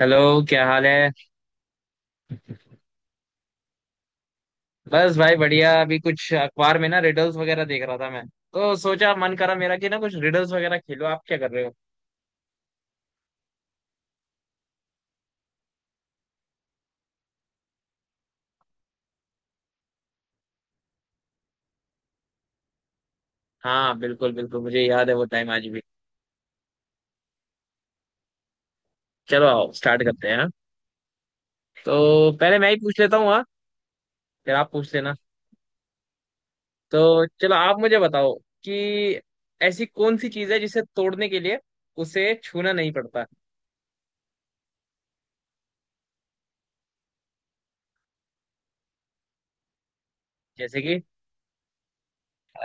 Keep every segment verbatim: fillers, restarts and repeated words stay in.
Hello. क्या हाल है? बस भाई बढ़िया, अभी कुछ अखबार में ना रिडल्स वगैरह देख रहा था मैं, तो सोचा मन करा मेरा कि ना कुछ रिडल्स वगैरह खेलो। आप क्या कर रहे हो? हाँ बिल्कुल बिल्कुल मुझे याद है वो टाइम आज भी। चलो आओ स्टार्ट करते हैं। हाँ, तो पहले मैं ही पूछ लेता हूँ। हाँ, फिर आप पूछ लेना। तो चलो आप मुझे बताओ कि ऐसी कौन सी चीज है जिसे तोड़ने के लिए उसे छूना नहीं पड़ता? जैसे कि?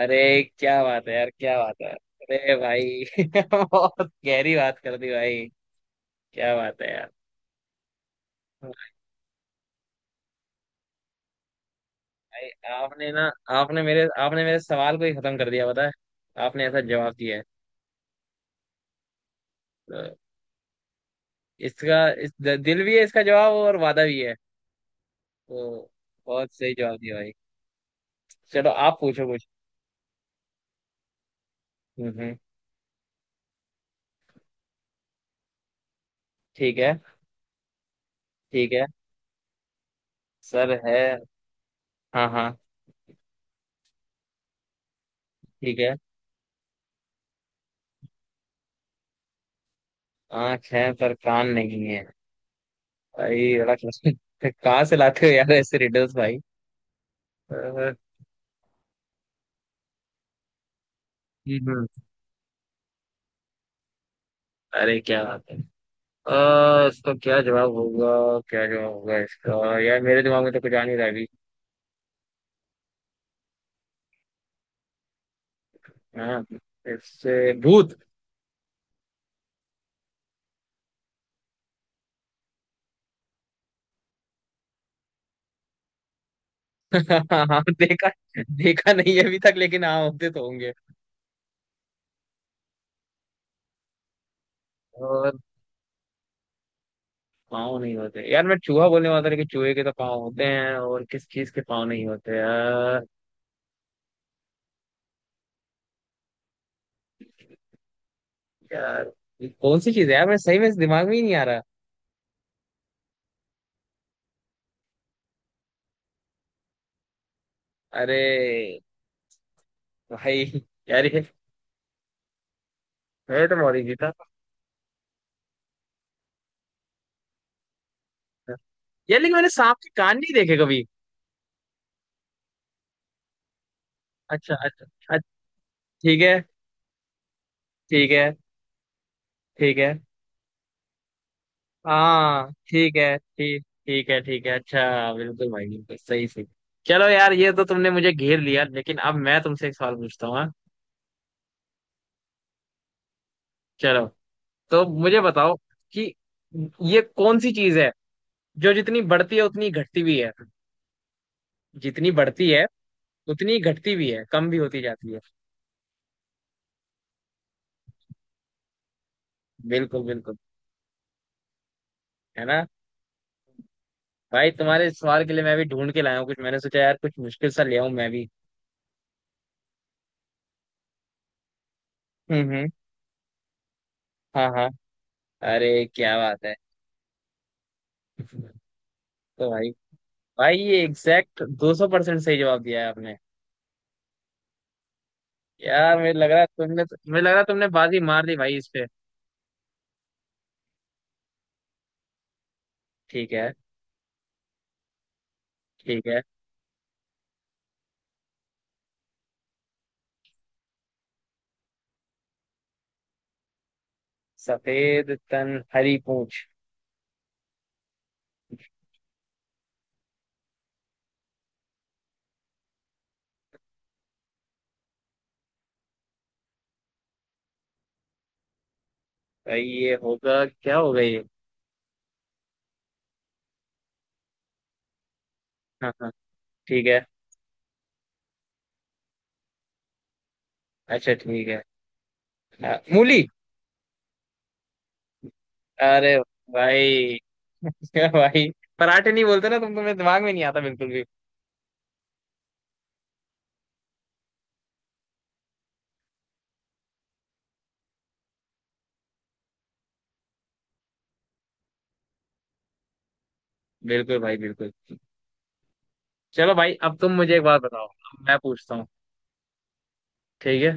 अरे क्या बात है यार, क्या बात है, अरे भाई बहुत गहरी बात कर दी भाई। क्या बात है यार। भाई, आपने ना, आपने मेरे आपने मेरे सवाल को ही खत्म कर दिया पता है। आपने ऐसा जवाब दिया है। तो इसका, इस द- दिल भी है इसका जवाब और वादा भी है तो। बहुत सही जवाब दिया भाई। चलो आप पूछो कुछ। हम्म हम्म, ठीक है। ठीक है। सर है। हाँ हाँ, ठीक है। आँख है पर कान नहीं है। भाई बड़ा क्वेश्चन। कहाँ से लाते हो यार ऐसे रिडल्स भाई। अ, हम्म। हम्म, अरे क्या बात है। अ, इसका क्या जवाब होगा, क्या जवाब होगा इसका? यार मेरे दिमाग में तो कुछ आ नहीं रहा है। हाँ, इससे भूत? हाँ देखा, देखा नहीं है अभी तक लेकिन हाँ होते तो होंगे। और पाँव नहीं होते यार, मैं चूहा बोलने वाला था लेकिन चूहे के तो पाँव होते हैं। और किस चीज के पाँव नहीं होते यार? यार, ये कौन सी चीज है यार, मैं सही में इस दिमाग में ही नहीं आ रहा। अरे भाई! यार ये, मैं तो बहुत इजी था। यार लेकिन मैंने सांप के कान नहीं देखे कभी। अच्छा अच्छा अच्छा। ठीक है। ठीक है। ठीक है। हाँ ठीक है ठीक, ठीक है ठीक है अच्छा। बिल्कुल भाई बिल्कुल सही सही। चलो यार, ये तो तुमने मुझे घेर लिया, लेकिन अब मैं तुमसे एक सवाल पूछता हूँ, हाँ? चलो। तो मुझे बताओ कि ये कौन सी चीज है जो जितनी बढ़ती है उतनी घटती भी है। जितनी बढ़ती है उतनी घटती भी है, कम भी होती जाती है। बिल्कुल बिल्कुल। है ना? भाई तुम्हारे इस सवाल के लिए मैं भी ढूंढ के लाया हूँ कुछ, मैंने सोचा यार कुछ मुश्किल सा ले आऊं मैं भी। हम्म हम्म। हाँ हाँ। अरे क्या बात है। तो भाई, भाई ये एग्जैक्ट दो सौ परसेंट सही जवाब दिया है आपने। यार मुझे लग रहा है तुमने मुझे लग रहा है तुमने बाजी मार दी भाई इस पे। ठीक है। ठीक है। सफेद तन हरी पूंछ। भाई ये होगा, क्या होगा ये? हाँ हाँ। ठीक है। अच्छा ठीक है। अ, मूली। अरे भाई! भाई पराठे नहीं बोलते ना तुम तुम्हें दिमाग में नहीं आता बिल्कुल भी। बिल्कुल भाई बिल्कुल। चलो भाई अब तुम मुझे एक बात बताओ, अब मैं पूछता हूँ। ठीक है।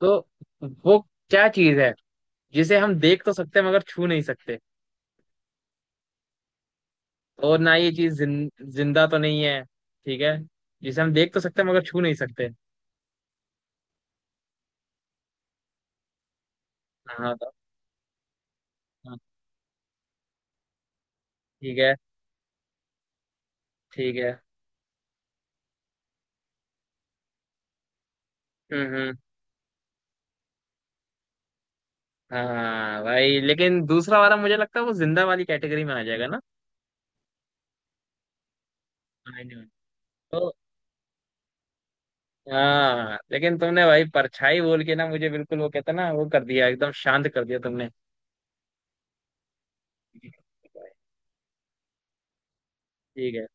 तो वो क्या चीज है जिसे हम देख तो सकते हैं मगर छू नहीं सकते, और ना ये चीज जिन, जिंदा तो नहीं है। ठीक है। जिसे हम देख तो सकते हैं मगर छू नहीं सकते। हाँ तो। हाँ, ठीक है। ठीक है। हम्म हम्म। हाँ भाई, लेकिन दूसरा वाला मुझे लगता है वो जिंदा वाली कैटेगरी में आ जाएगा ना। हाँ, नहीं, तो। हाँ लेकिन तुमने भाई परछाई बोल के ना मुझे बिल्कुल वो कहते हैं ना, वो कर दिया, एकदम शांत कर दिया तुमने। ठीक है। ठीक है।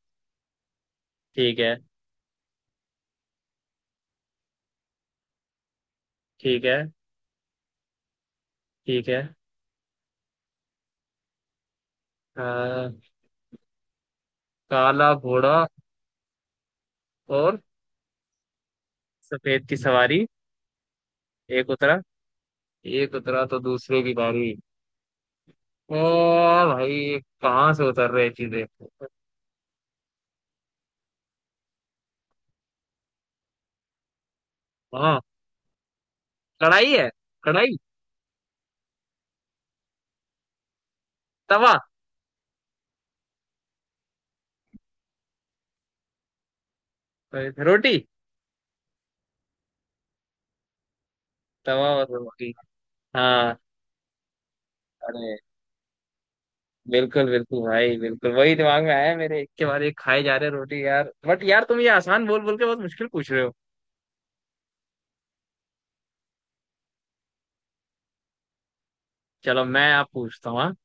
ठीक है। ठीक है। हाँ, काला घोड़ा और, सफेद की सवारी। एक उतरा। एक उतरा तो दूसरे की बारी। ओ भाई, कहाँ से उतर रहे हैं चीजें? हाँ, कढ़ाई है? कढ़ाई। तवा। रोटी। तवा और रोटी। हाँ। अरे बिल्कुल बिल्कुल भाई बिल्कुल, वही दिमाग में आया मेरे, एक के बाद एक खाए जा रहे रोटी। यार बट, यार तुम ये आसान बोल बोल के बहुत मुश्किल पूछ रहे हो। चलो मैं आप पूछता हूँ, हाँ?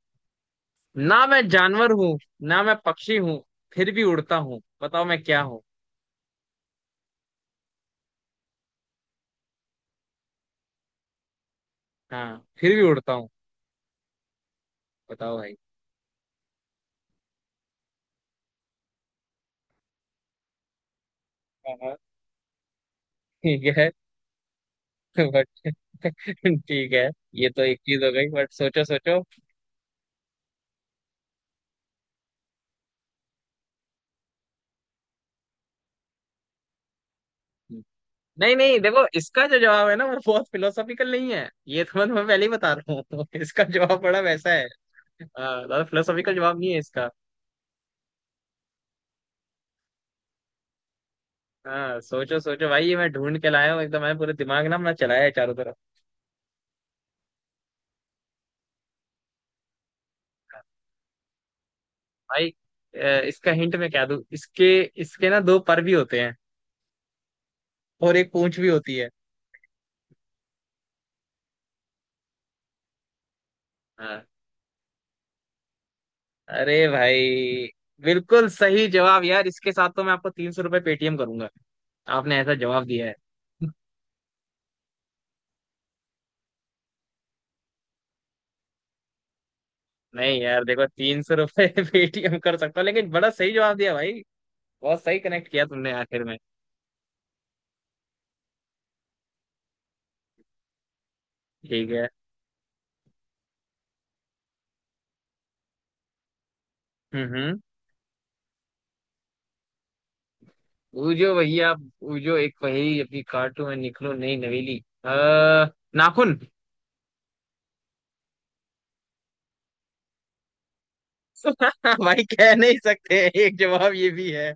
ना मैं जानवर हूँ, ना मैं पक्षी हूँ, फिर भी उड़ता हूँ, बताओ मैं क्या हूँ? हाँ फिर भी उड़ता हूँ। बताओ भाई। हाँ, हाँ। ठीक है। बट ठीक है। ये तो एक चीज हो गई बट सोचो सोचो। नहीं नहीं, देखो इसका जो जवाब है ना वो बहुत फिलोसॉफिकल नहीं है, ये तो मैं तुम्हें पहले ही बता रहा हूँ इसका जवाब बड़ा वैसा है। हाँ, ज्यादा फिलोसॉफिकल जवाब नहीं है इसका। हाँ सोचो सोचो भाई, ये मैं ढूंढ के लाया हूँ एकदम, मैंने पूरे दिमाग ना अपना चलाया है चारों तरफ। भाई अ, इसका हिंट मैं क्या दूँ, इसके इसके ना दो पर भी होते हैं और एक पूंछ भी होती है। हाँ। अरे भाई बिल्कुल सही जवाब यार, इसके साथ तो मैं आपको तीन सौ रुपये पेटीएम करूंगा। आपने ऐसा जवाब दिया है। नहीं यार देखो तीन सौ रुपये पेटीएम कर सकता हूँ लेकिन बड़ा सही जवाब दिया भाई। बहुत सही कनेक्ट किया तुमने आखिर में। ठीक है। हम्म हम्म। बूझो भैया बूझो एक पहेली, अपनी काटू में निकलो नई नवेली। अः नाखून। भाई कह नहीं सकते, एक जवाब ये भी है,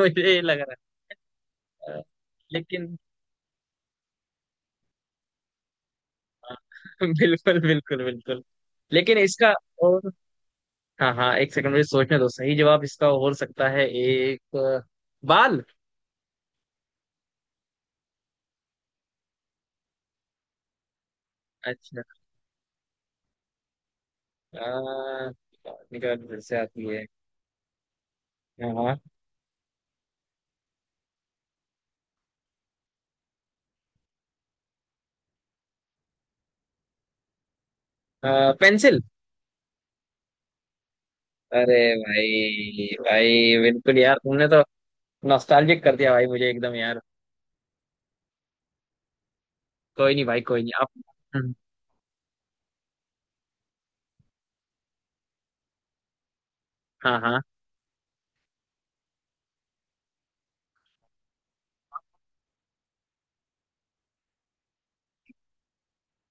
मुझे ये लग रहा है। अ, लेकिन। हाँ, बिल्कुल बिल्कुल बिल्कुल। लेकिन इसका, और, हाँ हाँ एक सेकंड मुझे सोचने दो, सही जवाब इसका हो सकता है एक, अ, बाल। अच्छा। आ, निकल फिर से आती है। हाँ हाँ पेंसिल। अरे भाई, भाई बिल्कुल यार तुमने तो नॉस्टैल्जिक कर दिया भाई मुझे एकदम यार। कोई नहीं भाई कोई नहीं आप। हम्म, हाँ हाँ।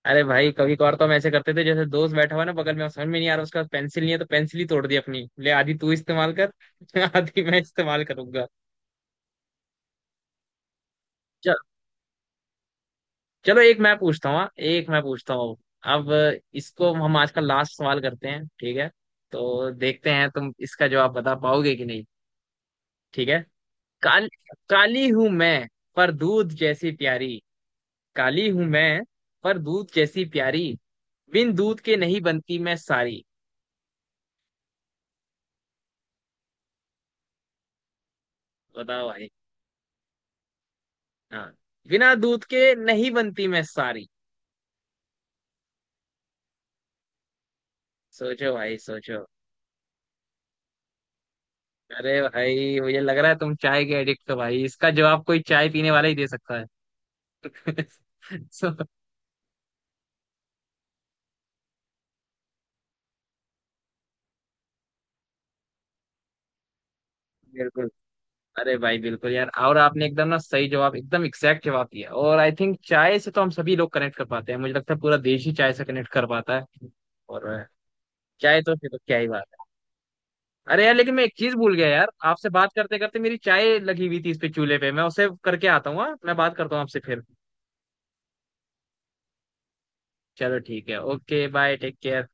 अरे भाई कभी कभार तो हम ऐसे करते थे, जैसे दोस्त बैठा हुआ है ना बगल में, अब समझ में नहीं आ रहा, उसके पास पेंसिल नहीं है तो पेंसिल ही तोड़ दी अपनी, ले आधी तू इस्तेमाल कर आधी मैं इस्तेमाल करूंगा। चलो एक मैं पूछता हूँ, हाँ, एक मैं पूछता हूँ। अब इसको हम आज का लास्ट सवाल करते हैं, ठीक है। तो देखते हैं तुम इसका जवाब बता पाओगे कि नहीं। ठीक है। काल काली हूं मैं पर दूध जैसी प्यारी, काली हूं मैं पर दूध जैसी प्यारी, बिन दूध के नहीं बनती मैं सारी। बताओ भाई। हाँ, बिना दूध के नहीं बनती मैं सारी। सोचो भाई सोचो। अरे भाई मुझे लग रहा है तुम चाय के एडिक्ट हो भाई, इसका जवाब कोई चाय पीने वाला ही दे सकता है। So, बिल्कुल। अरे भाई बिल्कुल यार, और आपने एकदम ना सही जवाब, एकदम एग्जैक्ट जवाब दिया, और आई थिंक चाय से तो हम सभी लोग कनेक्ट कर पाते हैं, मुझे लगता है पूरा देश ही चाय से कनेक्ट कर पाता है। और अ, चाय तो फिर तो क्या ही बात है। अरे यार लेकिन मैं एक चीज भूल गया यार, आपसे बात करते करते मेरी चाय लगी हुई थी इस पे, चूल्हे पे, मैं उसे करके आता हूँ, हाँ? मैं बात करता हूँ आपसे फिर। चलो ठीक है, ओके बाय, टेक केयर।